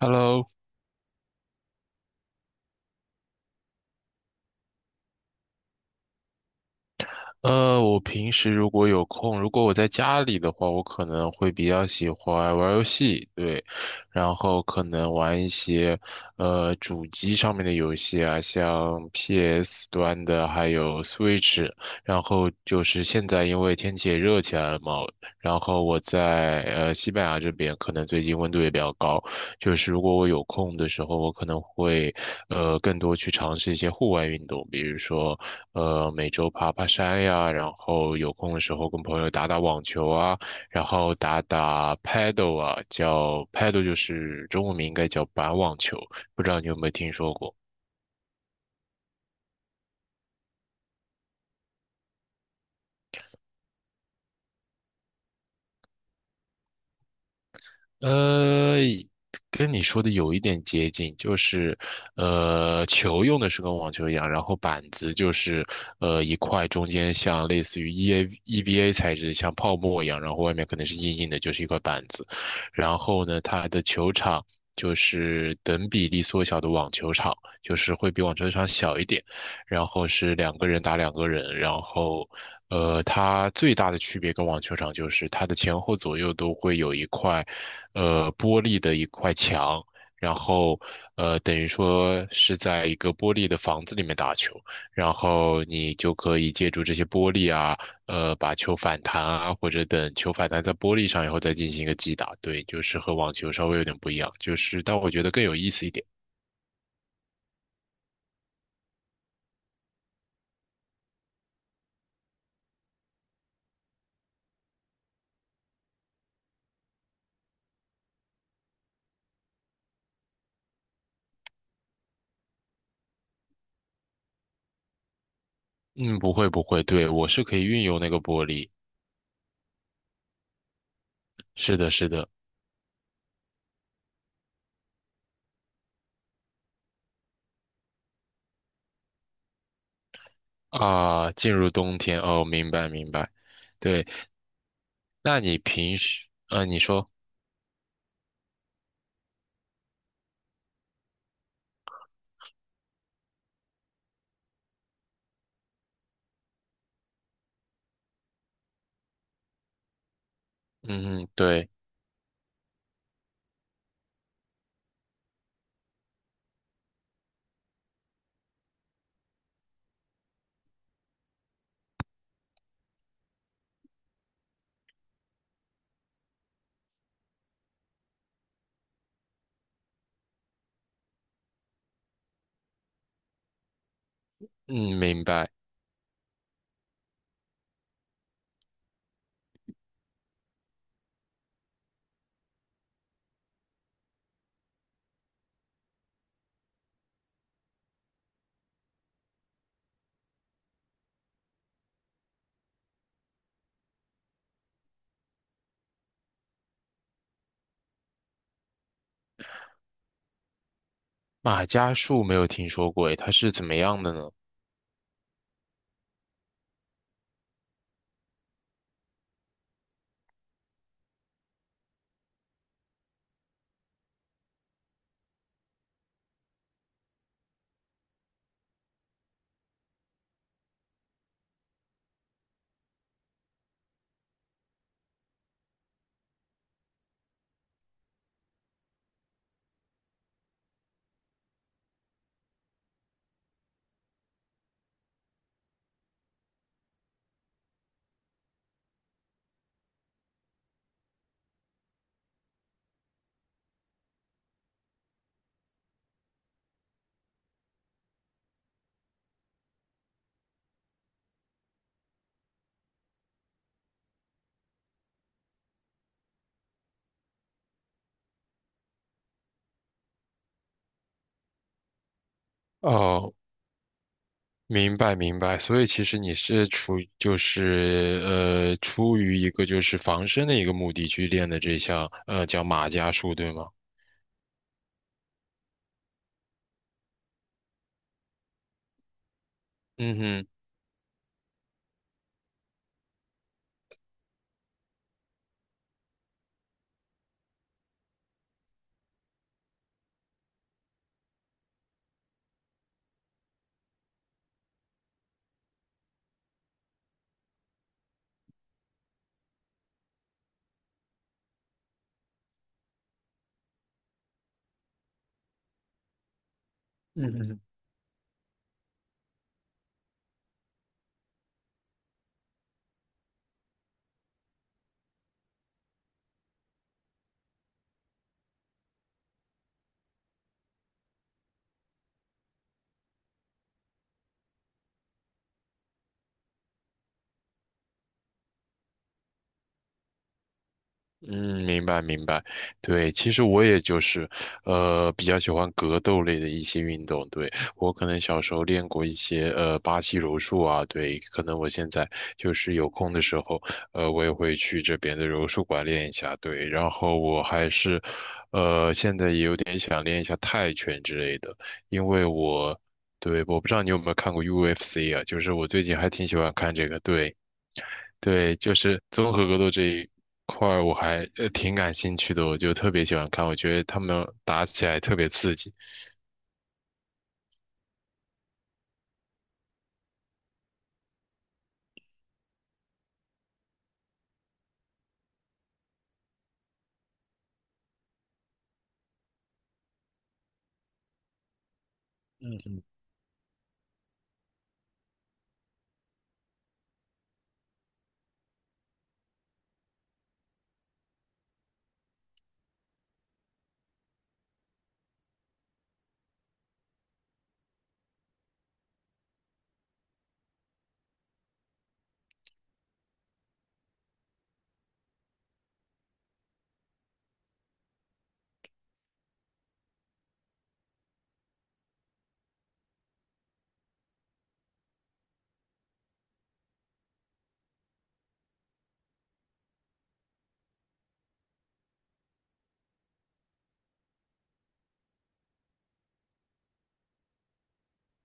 Hello,我平时如果有空，如果我在家里的话，我可能会比较喜欢玩游戏，对，然后可能玩一些主机上面的游戏啊，像 PS 端的，还有 Switch,然后就是现在因为天气也热起来了嘛，然后我在西班牙这边，可能最近温度也比较高，就是如果我有空的时候，我可能会更多去尝试一些户外运动，比如说每周爬爬山呀，然后有空的时候跟朋友打打网球啊，然后打打 paddle 啊，叫 paddle 就是中文名应该叫板网球，不知道你有没有听说过？呃，跟你说的有一点接近，就是，球用的是跟网球一样，然后板子就是，一块中间像类似于 EVA 材质，像泡沫一样，然后外面可能是硬硬的，就是一块板子。然后呢，它的球场就是等比例缩小的网球场，就是会比网球场小一点。然后是两个人打两个人，然后，它最大的区别跟网球场就是它的前后左右都会有一块。玻璃的一块墙，然后等于说是在一个玻璃的房子里面打球，然后你就可以借助这些玻璃啊，把球反弹啊，或者等球反弹在玻璃上以后再进行一个击打。对，就是和网球稍微有点不一样，就是但我觉得更有意思一点。嗯，不会不会，对，我是可以运用那个玻璃。是的，是的。啊，进入冬天哦，明白明白。对，那你平时，你说，嗯，对。嗯，明白。马伽术没有听说过，诶，它是怎么样的呢？哦，明白明白。所以其实你是出于就是出于一个就是防身的一个目的去练的这项叫马伽术，对吗？嗯哼。嗯哼。嗯，明白明白，对，其实我也就是，比较喜欢格斗类的一些运动。对，我可能小时候练过一些，巴西柔术啊，对，可能我现在就是有空的时候，我也会去这边的柔术馆练一下。对，然后我还是，现在也有点想练一下泰拳之类的，因为我，对，我不知道你有没有看过 UFC 啊，就是我最近还挺喜欢看这个，对。对，就是综合格斗这一块儿我还挺感兴趣的，我就特别喜欢看，我觉得他们打起来特别刺激。嗯嗯，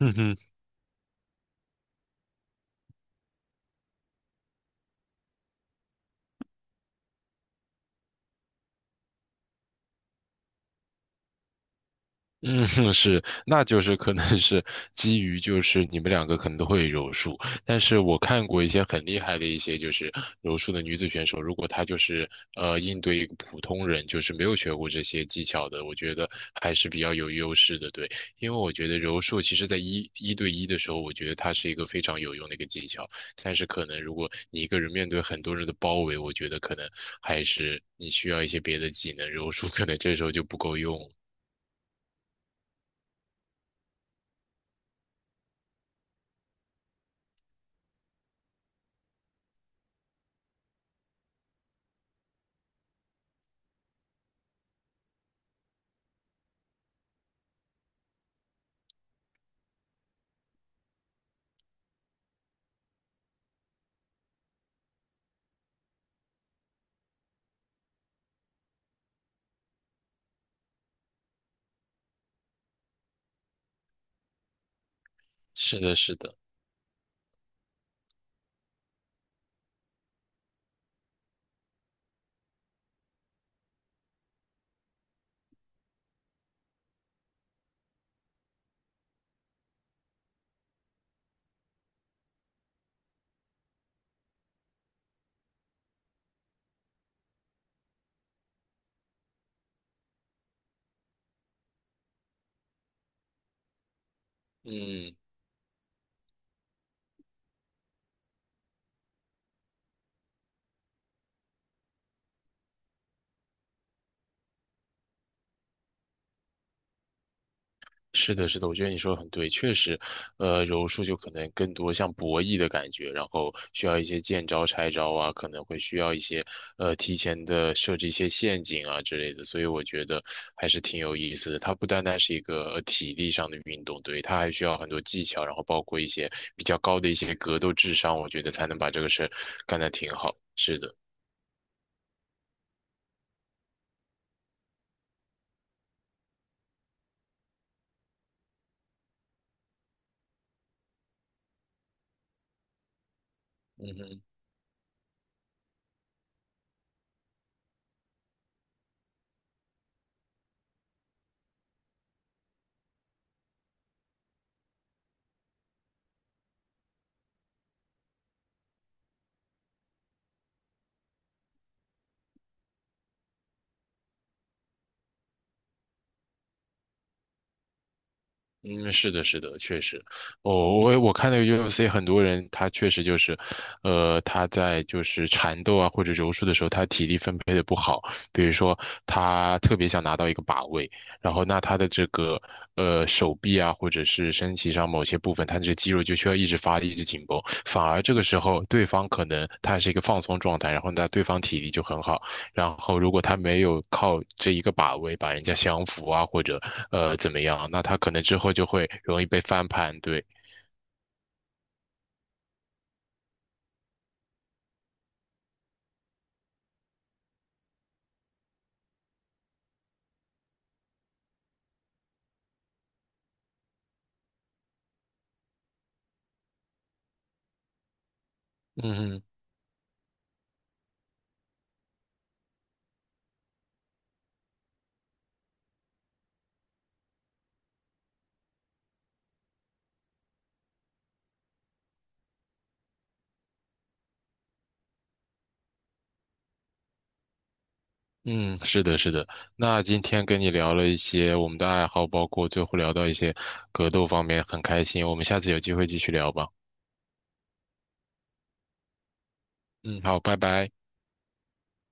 嗯哼。嗯，是，那就是可能是基于就是你们两个可能都会柔术，但是我看过一些很厉害的一些就是柔术的女子选手，如果她就是应对一个普通人，就是没有学过这些技巧的，我觉得还是比较有优势的，对，因为我觉得柔术其实在一对一的时候，我觉得它是一个非常有用的一个技巧，但是可能如果你一个人面对很多人的包围，我觉得可能还是你需要一些别的技能，柔术可能这时候就不够用了。是的，是的。嗯，是的，是的，我觉得你说的很对，确实，柔术就可能更多像博弈的感觉，然后需要一些见招拆招啊，可能会需要一些提前的设置一些陷阱啊之类的，所以我觉得还是挺有意思的。它不单单是一个体力上的运动，对，它还需要很多技巧，然后包括一些比较高的一些格斗智商，我觉得才能把这个事干得挺好。是的。嗯哼。嗯，是的，是的，确实，哦，我看那个 UFC 很多人，他确实就是，他在就是缠斗啊或者柔术的时候，他体力分配的不好，比如说他特别想拿到一个把位，然后那他的这个手臂啊或者是身体上某些部分，他这肌肉就需要一直发力，一直紧绷，反而这个时候对方可能他是一个放松状态，然后那对方体力就很好，然后，如果他没有靠这一个把位把人家降服啊，或者怎么样，那他可能之后就会容易被翻盘。对，嗯嗯，是的，是的。那今天跟你聊了一些我们的爱好，包括最后聊到一些格斗方面，很开心。我们下次有机会继续聊吧。嗯，好，拜拜。